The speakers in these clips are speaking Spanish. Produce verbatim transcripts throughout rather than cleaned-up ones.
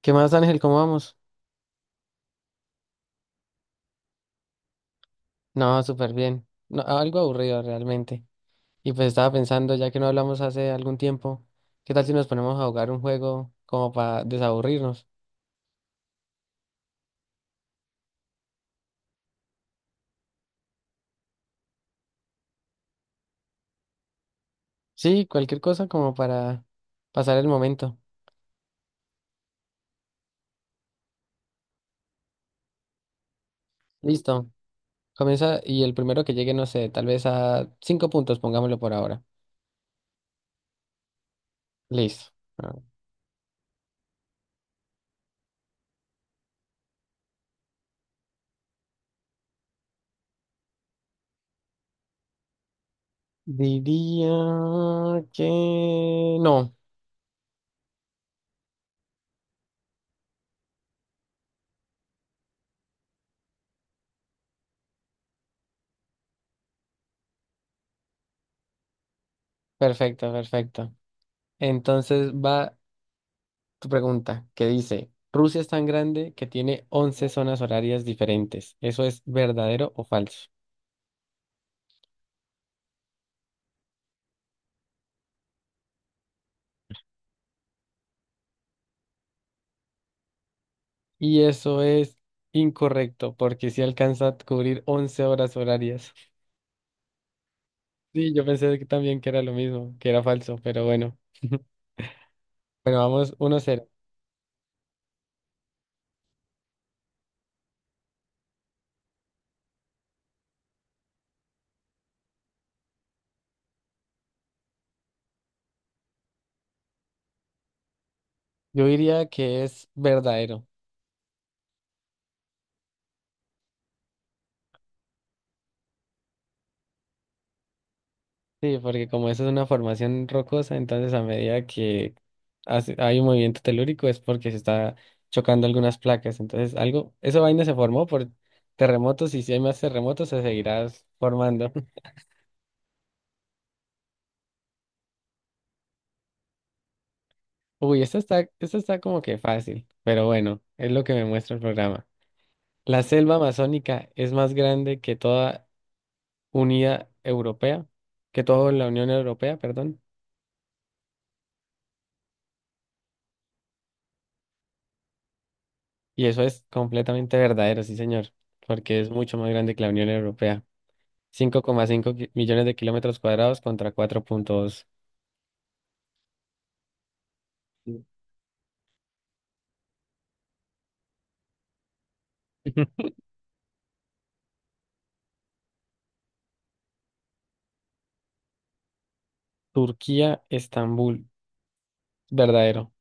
¿Qué más, Ángel? ¿Cómo vamos? No, súper bien. No, algo aburrido realmente. Y pues estaba pensando, ya que no hablamos hace algún tiempo, ¿qué tal si nos ponemos a jugar un juego como para desaburrirnos? Sí, cualquier cosa como para pasar el momento. Listo. Comienza y el primero que llegue, no sé, tal vez a cinco puntos, pongámoslo por ahora. Listo. Ah, diría que no. Perfecto, perfecto. Entonces va tu pregunta, que dice, Rusia es tan grande que tiene once zonas horarias diferentes. ¿Eso es verdadero o falso? Y eso es incorrecto, porque si alcanza a cubrir once horas horarias. Sí, yo pensé que también que era lo mismo, que era falso, pero bueno. Bueno, vamos uno cero. Yo diría que es verdadero. Sí, porque como eso es una formación rocosa, entonces a medida que hace- hay un movimiento telúrico es porque se está chocando algunas placas. Entonces algo, esa vaina se formó por terremotos y si hay más terremotos se seguirá formando. Uy, esto está, esto está como que fácil, pero bueno, es lo que me muestra el programa. La selva amazónica es más grande que toda unidad europea, que toda la Unión Europea, perdón. Y eso es completamente verdadero, sí, señor, porque es mucho más grande que la Unión Europea. cinco coma cinco ki- millones de kilómetros cuadrados contra cuatro punto dos. Turquía, Estambul, verdadero.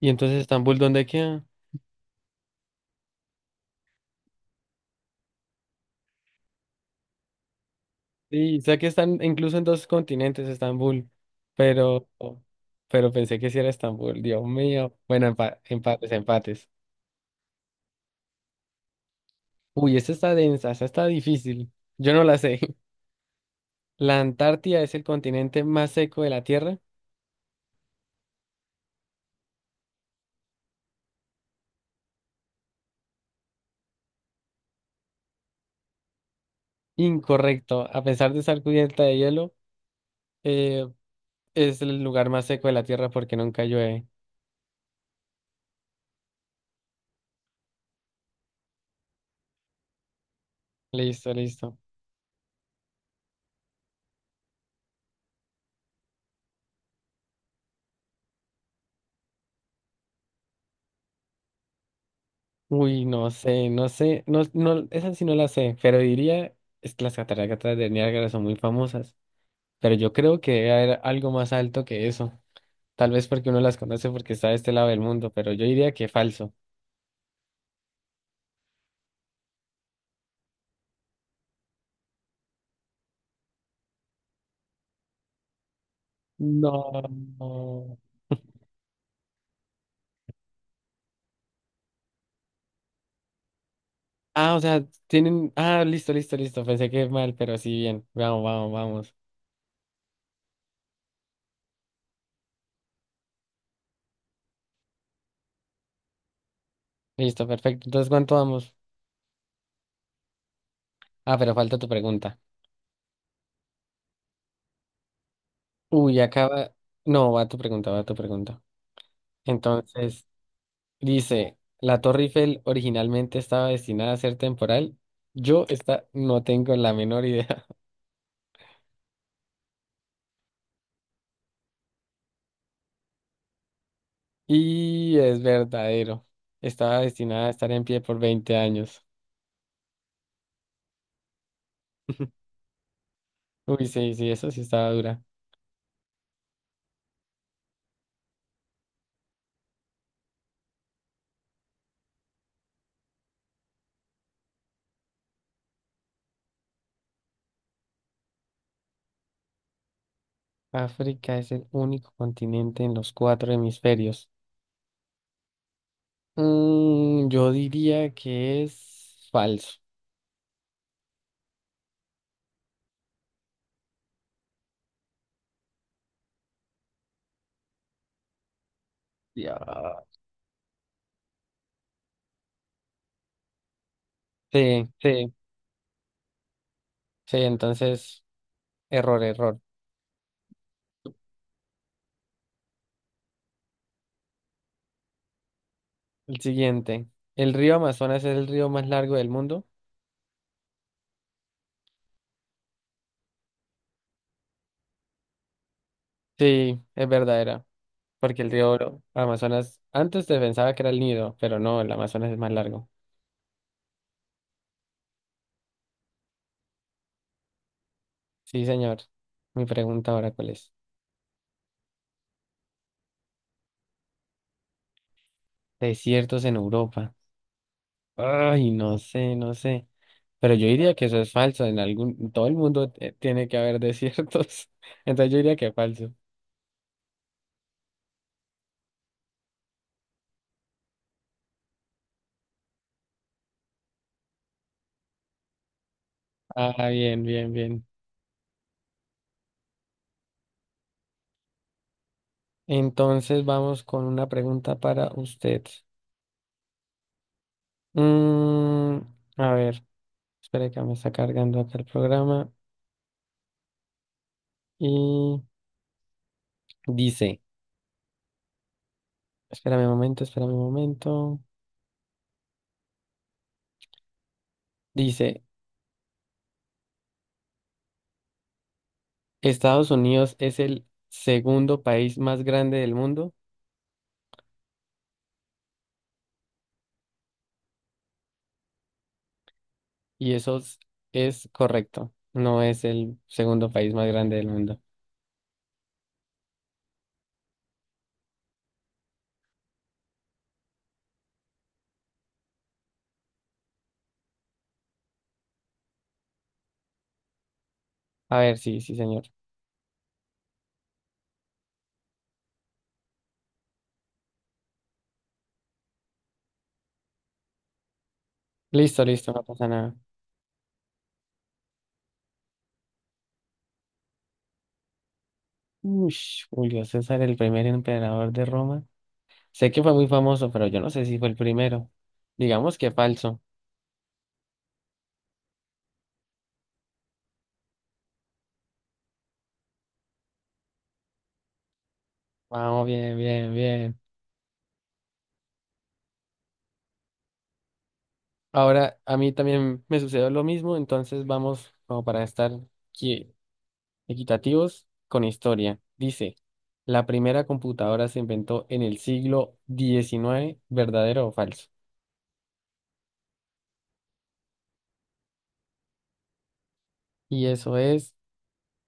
¿Y entonces Estambul dónde queda? Sí, sé que están incluso en dos continentes Estambul, pero, pero pensé que sí era Estambul, Dios mío. Bueno, empa- empates, empates. Uy, esta está densa, esta está difícil. Yo no la sé. ¿La Antártida es el continente más seco de la Tierra? Incorrecto. A pesar de estar cubierta de hielo, eh, es el lugar más seco de la Tierra porque nunca llueve. Listo, listo. Uy, no sé, no sé, no, no, esa sí no la sé, pero diría, es que las cataratas de Niágara son muy famosas, pero yo creo que debe haber algo más alto que eso. Tal vez porque uno las conoce porque está de este lado del mundo, pero yo diría que falso. No, no. Ah, o sea, tienen, ah, listo, listo, listo, pensé que mal, pero sí, bien. Vamos, vamos, vamos. Listo, perfecto. Entonces, ¿cuánto vamos? Ah, pero falta tu pregunta. Uy, acaba. No, va tu pregunta, va tu pregunta. Entonces, dice, la Torre Eiffel originalmente estaba destinada a ser temporal. Yo esta no tengo la menor idea. Y es verdadero. Estaba destinada a estar en pie por veinte años. Uy, sí, sí, eso sí estaba dura. África es el único continente en los cuatro hemisferios. Mm, yo diría que es falso. Ya. Sí, sí, sí, entonces, error, error. El siguiente. ¿El río Amazonas es el río más largo del mundo? Sí, es verdadera. Porque el río Oro- Amazonas, antes se pensaba que era el Nido, pero no, el Amazonas es más largo. Sí, señor. Mi pregunta ahora, ¿cuál es? Desiertos en Europa. Ay, no sé, no sé. Pero yo diría que eso es falso. En algún, en todo el mundo eh, tiene que haber desiertos. Entonces yo diría que es falso. Ah, bien, bien, bien. Entonces vamos con una pregunta para usted. Mm, a ver. Espera que me está cargando acá el programa y dice, espérame un momento, espérame un momento. Dice, Estados Unidos es el segundo país más grande del mundo y eso es, es correcto. No es el segundo país más grande del mundo. A ver, sí, sí, señor. Listo, listo, no pasa nada. Ush, Julio César, el primer emperador de Roma. Sé que fue muy famoso, pero yo no sé si fue el primero. Digamos que falso. Vamos, bien, bien, bien. Ahora, a mí también me sucedió lo mismo, entonces vamos como para estar qui- equitativos con historia. Dice, la primera computadora se inventó en el siglo diecinueve, ¿verdadero o falso? Y eso es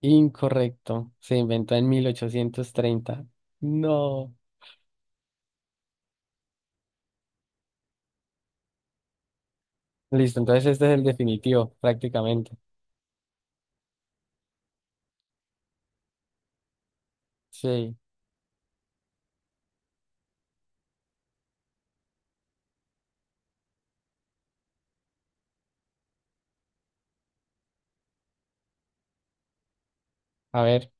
incorrecto, se inventó en mil ochocientos treinta. No. Listo, entonces este es el definitivo, prácticamente. Sí, a ver,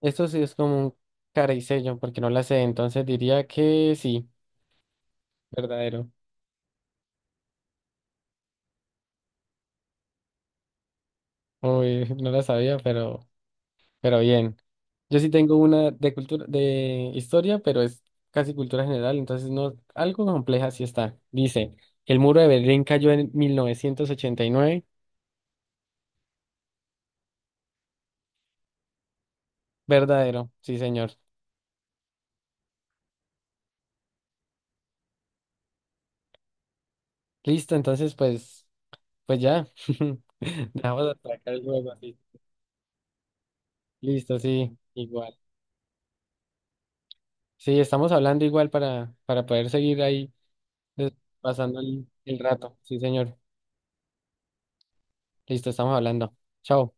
esto sí es como un cara y sello, porque no la sé, entonces diría que sí, verdadero. Uy, no la sabía, pero... Pero bien, yo sí tengo una de cultura, de historia, pero es casi cultura general, entonces no, algo compleja sí está. Dice, el muro de Berlín cayó en mil novecientos ochenta y nueve. Verdadero, sí, señor. Listo, entonces pues, pues ya. Dejamos de atracar el juego así. Listo, sí, igual. Sí, estamos hablando igual para, para poder seguir ahí des- pasando el el rato. Sí, señor. Listo, estamos hablando. Chao.